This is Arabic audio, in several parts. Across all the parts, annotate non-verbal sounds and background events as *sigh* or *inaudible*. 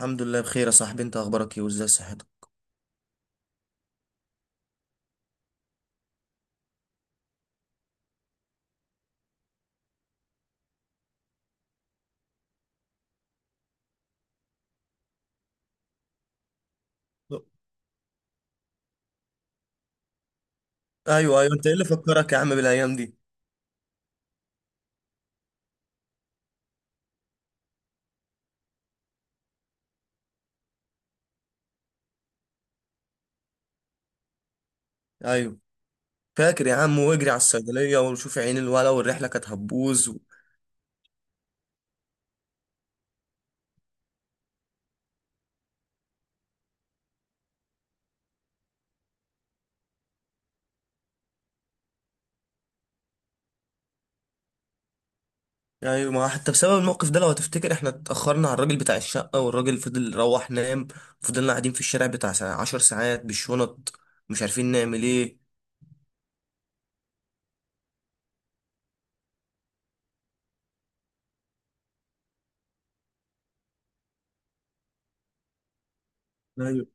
الحمد لله بخير يا صاحبي، انت اخبارك ايه وازاي صحتك؟ ايوه ايوه، انت ايه اللي فكرك يا عم بالايام دي؟ ايوه، فاكر يا عم، واجري على الصيدليه وشوف عين الولا، والرحله كانت هتبوظ. ايوه، ما حتى بسبب الموقف ده لو هتفتكر احنا اتاخرنا على الراجل بتاع الشقه، والراجل فضل روح نام. فضلنا قاعدين في الشارع بتاع 10 ساعات بالشنط، مش عارفين نعمل ايه. ايوه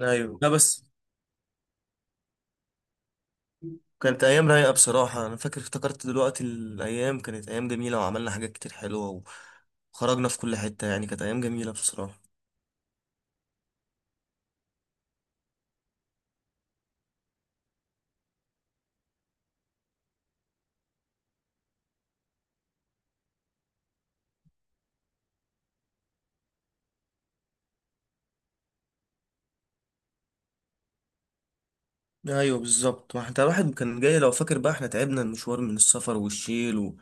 ايوه، لا بس كانت ايام رايقه بصراحه. انا فاكر افتكرت دلوقتي الايام كانت ايام جميله، وعملنا حاجات كتير حلوه، وخرجنا في كل حته، يعني كانت ايام جميله بصراحه. ايوه بالظبط، ما حتى الواحد كان جاي لو فاكر بقى احنا تعبنا المشوار من السفر والشيل.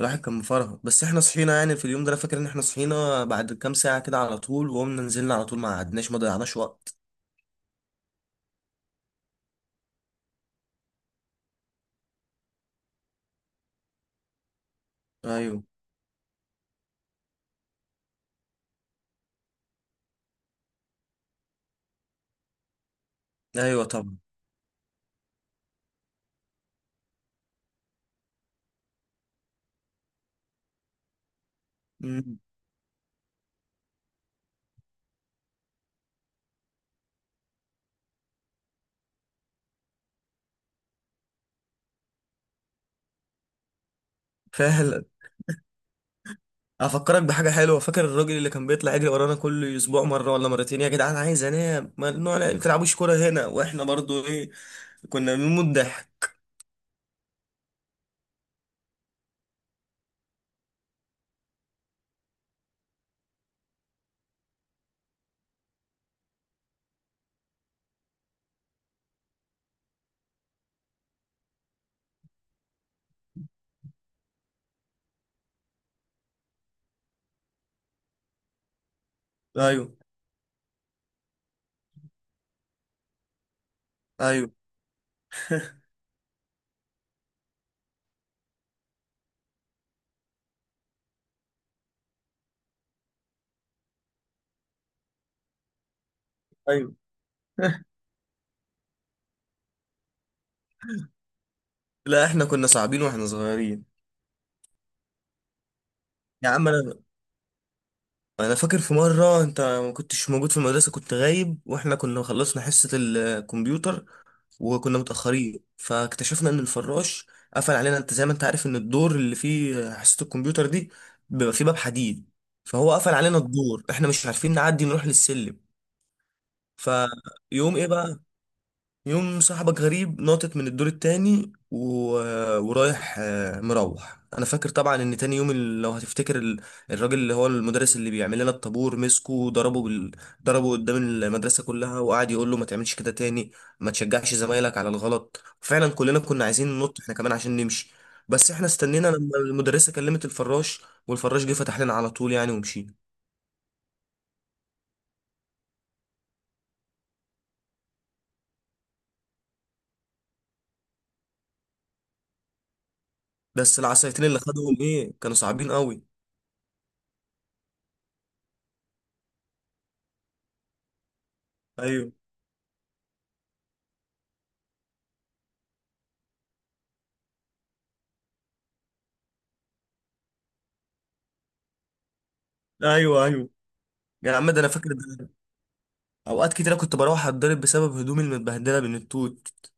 الواحد كان مفرهد، بس احنا صحينا يعني في اليوم ده. انا فاكر ان احنا صحينا بعد كام ساعة كده على طول، وقمنا نزلنا على طول، ما قعدناش ما ضيعناش وقت. ايوه. ايوه طبعا. مم. فعلا. افكرك بحاجة حلوة، فاكر الراجل اللي كان بيطلع يجري ورانا كل اسبوع مرة ولا مرتين، يا جدعان عايز انام، ممنوع ما تلعبوش كورة هنا، واحنا برضو ايه، كنا بنموت ضحك. ايوه. ايوه. ايوه. *laughs* لا احنا كنا صعبين واحنا صغيرين. يا عم، انا فاكر في مره انت ما كنتش موجود في المدرسه، كنت غايب، واحنا كنا خلصنا حصه الكمبيوتر، وكنا متاخرين، فاكتشفنا ان الفراش قفل علينا. انت زي ما انت عارف ان الدور اللي فيه حصه الكمبيوتر دي بيبقى فيه باب حديد، فهو قفل علينا الدور، احنا مش عارفين نعدي نروح للسلم. فيوم ايه بقى، يوم صاحبك غريب ناطط من الدور التاني. ورايح مروح. انا فاكر طبعا ان تاني يوم لو هتفتكر الراجل اللي هو المدرس اللي بيعمل لنا الطابور مسكه وضربه ضربه قدام المدرسة كلها، وقعد يقول له ما تعملش كده تاني، ما تشجعش زمايلك على الغلط. فعلا كلنا كنا عايزين ننط احنا كمان عشان نمشي، بس احنا استنينا لما المدرسة كلمت الفراش، والفراش جه فتح لنا على طول يعني ومشينا. بس العصايتين اللي خدوهم ايه كانوا صعبين قوي. ايوه ايوه ايوه يا عم، ده انا فاكر ده. اوقات كتيرة كنت بروح اتضرب بسبب هدومي المتبهدله من التوت.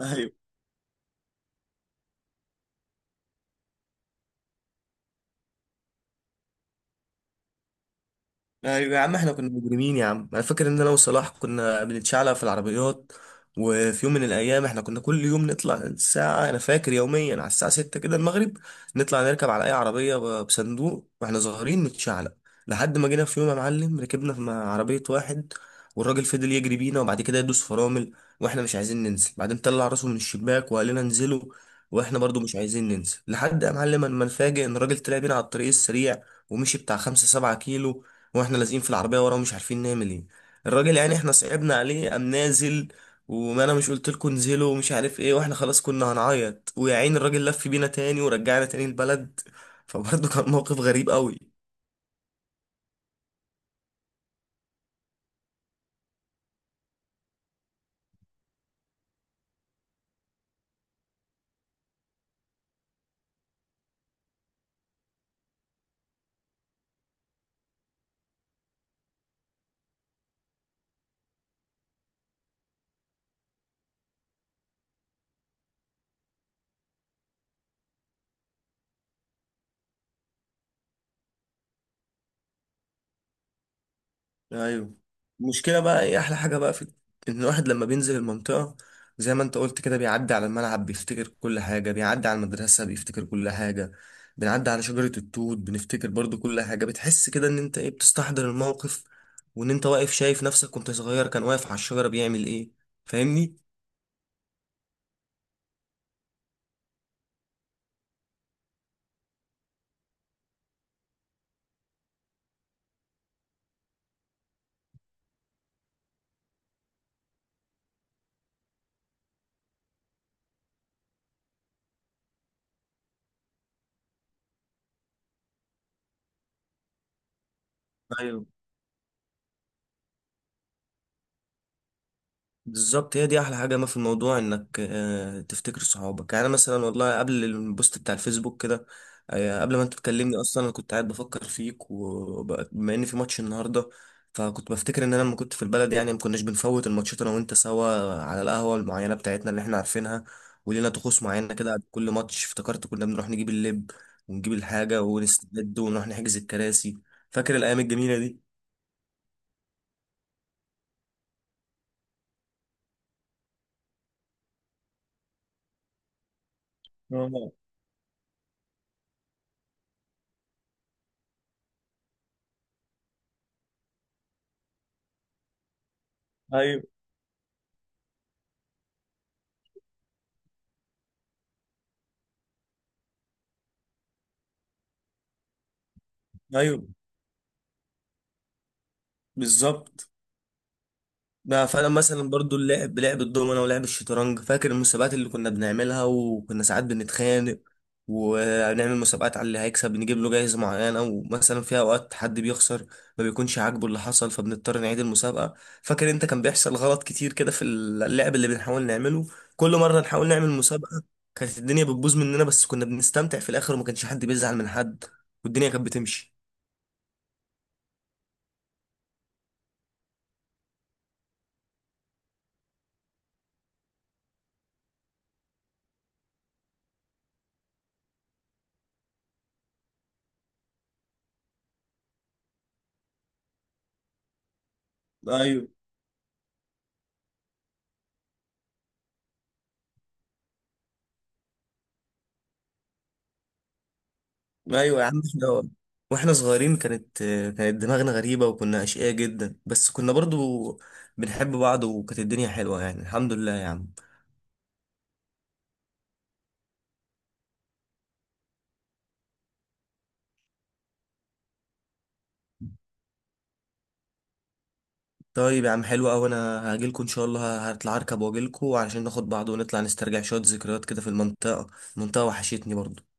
*laughs* ايوه يا عم، احنا كنا مجرمين يا عم. انا فاكر ان انا وصلاح كنا بنتشعلق في العربيات، وفي يوم من الايام احنا كنا كل يوم نطلع الساعه، انا فاكر يوميا على الساعه 6 كده المغرب، نطلع نركب على اي عربيه بصندوق واحنا صغيرين نتشعلق. لحد ما جينا في يوم يا معلم ركبنا في مع عربيه واحد، والراجل فضل يجري بينا، وبعد كده يدوس فرامل، واحنا مش عايزين ننزل. بعدين طلع راسه من الشباك وقال لنا انزلوا، واحنا برضو مش عايزين ننزل، لحد يا معلم ما نفاجئ ان الراجل طلع بينا على الطريق السريع، ومشي بتاع خمسة سبعة كيلو، واحنا لازقين في العربيه ورا ومش عارفين نعمل ايه. الراجل يعني احنا صعبنا عليه، قام نازل، وما انا مش قلت لكم انزلوا ومش عارف ايه، واحنا خلاص كنا هنعيط، ويا عين الراجل لف بينا تاني ورجعنا تاني البلد. فبرضه كان موقف غريب قوي. ايوه. المشكله بقى ايه احلى حاجه بقى في ان الواحد لما بينزل المنطقه، زي ما انت قلت كده، بيعدي على الملعب بيفتكر كل حاجه، بيعدي على المدرسه بيفتكر كل حاجه، بنعدي على شجره التوت بنفتكر برضو كل حاجه، بتحس كده ان انت ايه بتستحضر الموقف، وان انت واقف شايف نفسك كنت صغير كان واقف على الشجره بيعمل ايه، فاهمني؟ ايوه بالظبط، هي دي احلى حاجه ما في الموضوع انك تفتكر صحابك يعني. أنا مثلا والله قبل البوست بتاع الفيسبوك كده، قبل ما انت تكلمني اصلا انا كنت قاعد بفكر فيك، وبما ان في ماتش النهارده، فكنت بفتكر ان انا لما كنت في البلد يعني ما كناش بنفوت الماتشات انا وانت سوا على القهوه المعينه بتاعتنا اللي احنا عارفينها، ولينا طقوس معينه كده قبل كل ماتش. افتكرت كنا بنروح نجيب اللب، ونجيب الحاجه ونستعد ونروح نحجز الكراسي. فاكر الايام الجميله دي؟ آه، ايوه ايوه بالظبط. بقى فانا مثلا برضو اللعب، لعب الدومنه ولعب الشطرنج، فاكر المسابقات اللي كنا بنعملها وكنا ساعات بنتخانق، ونعمل مسابقات على اللي هيكسب نجيب له جايزه معينه، ومثلا في اوقات حد بيخسر ما بيكونش عاجبه اللي حصل فبنضطر نعيد المسابقه. فاكر انت كان بيحصل غلط كتير كده في اللعب اللي بنحاول نعمله كل مره نحاول نعمل مسابقه. كانت الدنيا بتبوظ مننا، بس كنا بنستمتع في الاخر، وما كانش حد بيزعل من حد، والدنيا كانت بتمشي. ايوه. ايوه يا عم، احنا واحنا صغيرين كانت دماغنا غريبة، وكنا أشقياء جدا، بس كنا برضو بنحب بعض، وكانت الدنيا حلوة يعني. الحمد لله يا عم. طيب يا عم، حلو أوي، أنا هاجيلكوا إن شاء الله، هطلع أركب وأجيلكوا علشان ناخد بعض ونطلع نسترجع شوية ذكريات كده في المنطقة. المنطقة وحشتني برضو.